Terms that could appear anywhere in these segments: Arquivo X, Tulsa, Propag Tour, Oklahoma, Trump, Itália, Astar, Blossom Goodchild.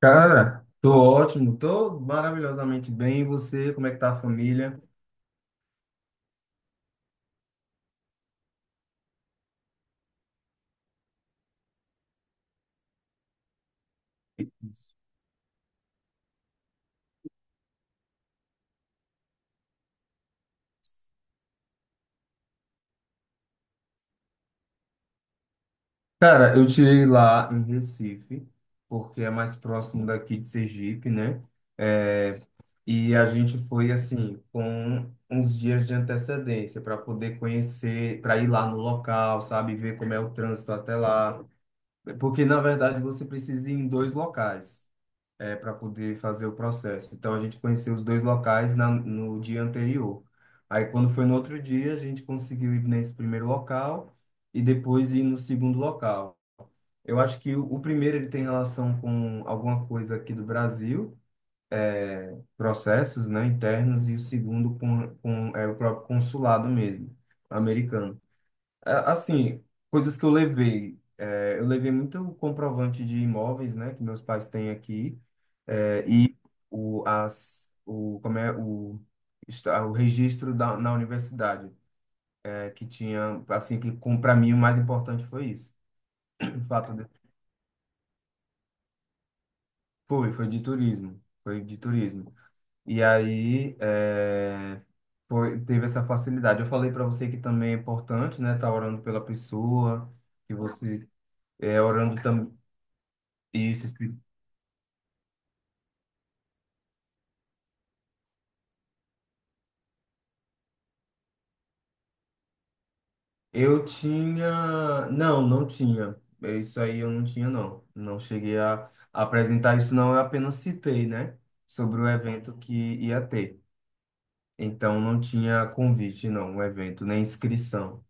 Cara, tô ótimo, tô maravilhosamente bem. E você, como é que tá a família? Cara, eu tirei lá em Recife, porque é mais próximo daqui de Sergipe, né? É, e a gente foi assim, com uns dias de antecedência para poder conhecer, para ir lá no local, sabe? Ver como é o trânsito até lá. Porque, na verdade, você precisa ir em dois locais. É, para poder fazer o processo. Então a gente conheceu os dois locais no dia anterior. Aí quando foi no outro dia, a gente conseguiu ir nesse primeiro local e depois ir no segundo local. Eu acho que o primeiro ele tem relação com alguma coisa aqui do Brasil, é, processos, né, internos, e o segundo com o próprio consulado mesmo, americano. Assim, coisas que eu levei. É, eu levei muito comprovante de imóveis, né, que meus pais têm aqui. É, e o, as, o, como é, o, está- o registro na universidade, é, que tinha, assim, que para mim o mais importante foi isso. O fato de, foi de turismo, foi de turismo. E aí, é, foi, teve essa facilidade. Eu falei para você que também é importante, né, estar orando pela pessoa, que você é orando também, isso. Eu tinha. Não, não tinha. É. Isso aí eu não tinha, não. Não cheguei a apresentar isso, não. Eu apenas citei, né? Sobre o evento que ia ter. Então não tinha convite, não, o evento, nem inscrição.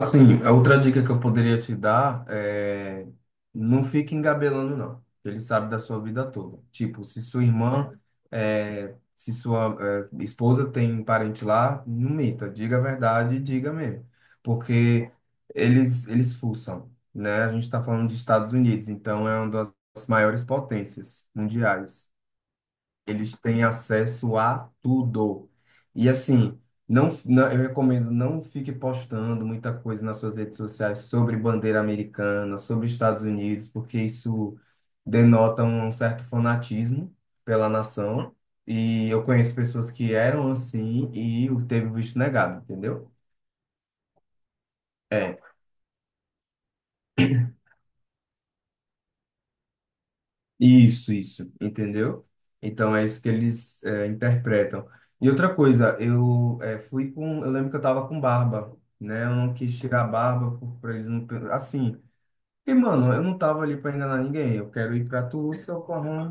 Assim, a outra dica que eu poderia te dar é não fique engabelando, não. Ele sabe da sua vida toda. Tipo, se sua irmã, é, se sua, é, esposa tem parente lá, não minta, diga a verdade e diga mesmo. Porque eles fuçam, né? A gente está falando dos Estados Unidos, então é uma das maiores potências mundiais. Eles têm acesso a tudo. E assim, não, não, eu recomendo não fique postando muita coisa nas suas redes sociais sobre bandeira americana, sobre Estados Unidos, porque isso denota um certo fanatismo pela nação. E eu conheço pessoas que eram assim e teve o visto negado, entendeu? É. Isso, entendeu? Então é isso que eles é, interpretam. E outra coisa, eu lembro que eu tava com barba, né? Eu não quis tirar a barba por, pra eles não, assim. Porque, mano, eu não tava ali pra enganar ninguém. Eu quero ir pra Tulsa, Oklahoma.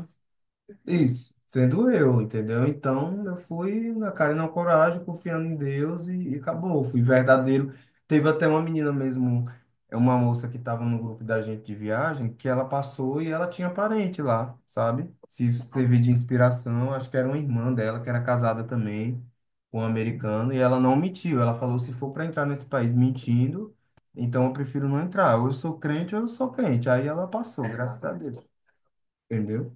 Isso, sendo eu, entendeu? Então eu fui na cara e na coragem, confiando em Deus e acabou. Fui verdadeiro. Teve até uma menina mesmo, é uma moça que estava no grupo da gente de viagem, que ela passou e ela tinha parente lá, sabe? Se isso servir de inspiração, acho que era uma irmã dela que era casada também com um americano e ela não mentiu. Ela falou: se for para entrar nesse país mentindo, então eu prefiro não entrar. Ou eu sou crente ou eu sou crente. Aí ela passou, graças a Deus, entendeu?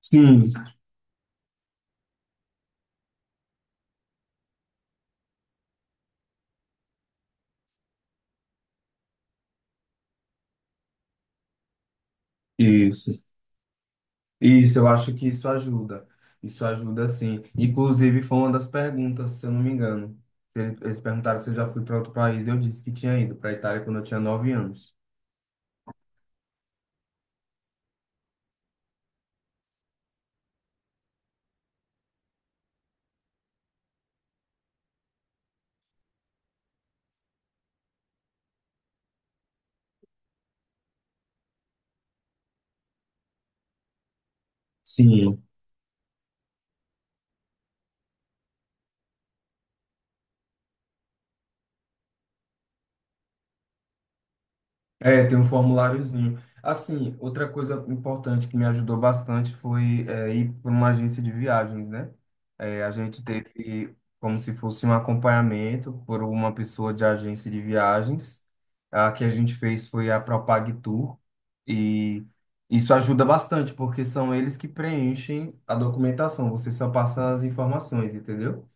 Sim, isso. Isso, eu acho que isso ajuda. Isso ajuda sim. Inclusive, foi uma das perguntas, se eu não me engano. Eles perguntaram se eu já fui para outro país. Eu disse que tinha ido para a Itália quando eu tinha nove anos. Sim. É, tem um formuláriozinho. Assim, outra coisa importante que me ajudou bastante foi é, ir para uma agência de viagens, né? É, a gente teve como se fosse um acompanhamento por uma pessoa de agência de viagens. A que a gente fez foi a Propag Tour e isso ajuda bastante porque são eles que preenchem a documentação. Você só passa as informações, entendeu?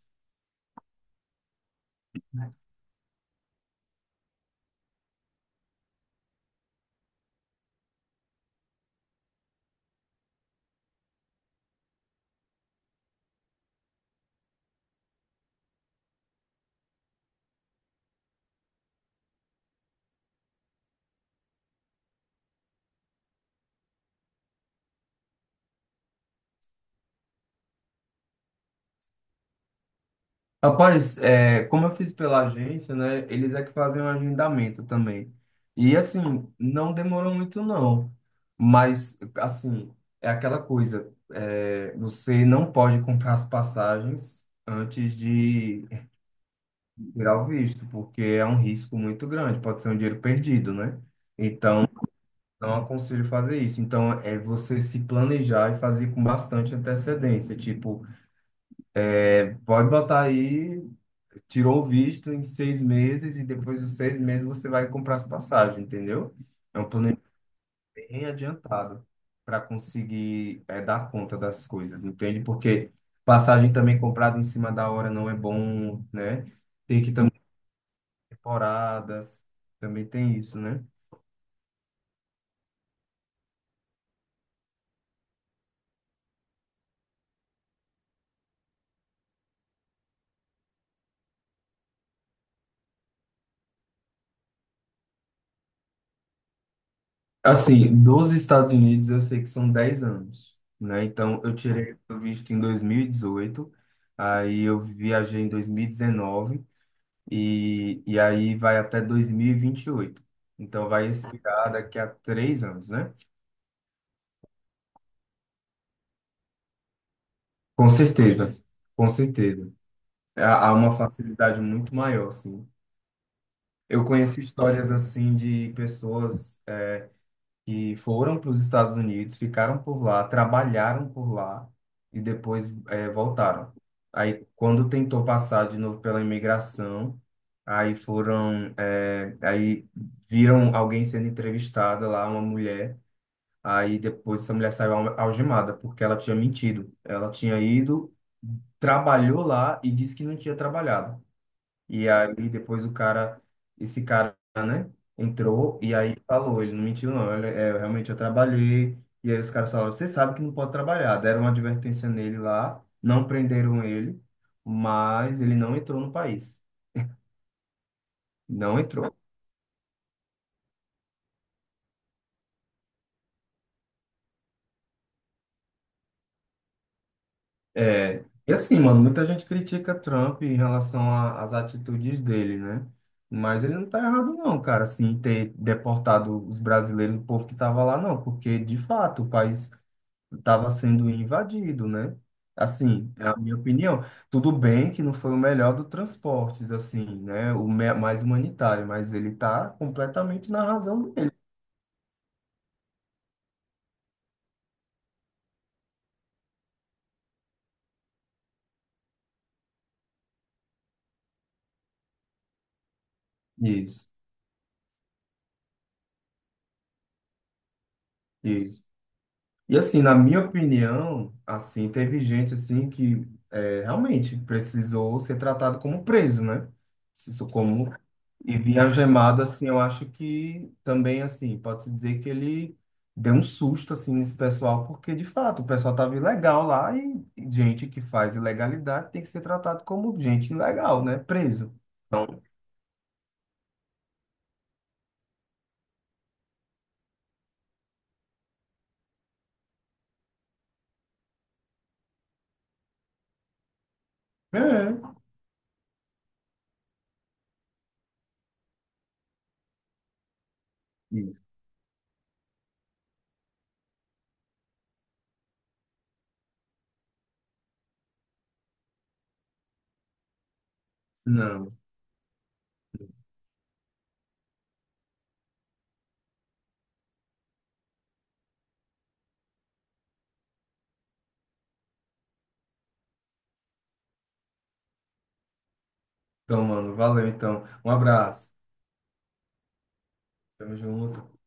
Rapaz, é, como eu fiz pela agência, né? Eles é que fazem o agendamento também. E assim, não demorou muito, não. Mas, assim, é aquela coisa: é, você não pode comprar as passagens antes de tirar o visto, porque é um risco muito grande, pode ser um dinheiro perdido, né? Então, não aconselho fazer isso. Então, é você se planejar e fazer com bastante antecedência. Tipo, é, pode botar aí. Tirou o visto em seis meses e depois dos seis meses você vai comprar as passagens, entendeu? É um plano bem adiantado para conseguir dar conta das coisas, entende? Porque passagem também comprada em cima da hora não é bom, né? Tem que também temporadas, também tem isso, né? Assim, dos Estados Unidos eu sei que são 10 anos, né? Então eu tirei o visto em 2018, aí eu viajei em 2019 e aí vai até 2028. Então vai expirar daqui a três anos, né? Com certeza, com certeza. Há uma facilidade muito maior, sim. Eu conheço histórias assim de pessoas é, que foram para os Estados Unidos, ficaram por lá, trabalharam por lá e depois é, voltaram. Aí, quando tentou passar de novo pela imigração, aí foram, é, aí viram alguém sendo entrevistada lá, uma mulher. Aí depois essa mulher saiu algemada, porque ela tinha mentido. Ela tinha ido, trabalhou lá e disse que não tinha trabalhado. E aí depois o cara, esse cara, né, entrou e aí falou, ele não mentiu não, ele, é, eu realmente eu trabalhei. E aí os caras falaram, você sabe que não pode trabalhar. Deram uma advertência nele lá, não prenderam ele, mas ele não entrou no país. Não entrou. É, e assim, mano, muita gente critica Trump em relação às atitudes dele, né? Mas ele não tá errado não, cara, assim, em ter deportado os brasileiros, o povo que tava lá, não, porque de fato o país estava sendo invadido, né? Assim, é a minha opinião. Tudo bem que não foi o melhor do transportes, assim, né? O mais humanitário, mas ele tá completamente na razão dele. Isso, isso. E assim, na minha opinião, assim, teve gente assim que é, realmente precisou ser tratado como preso, né? Isso como e vir algemado, assim, eu acho que também assim, pode-se dizer que ele deu um susto assim nesse pessoal, porque de fato o pessoal tava ilegal lá e gente que faz ilegalidade tem que ser tratado como gente ilegal, né? Preso. Então, é. Isso. Não. Então, mano, valeu então. Um abraço. Tamo junto.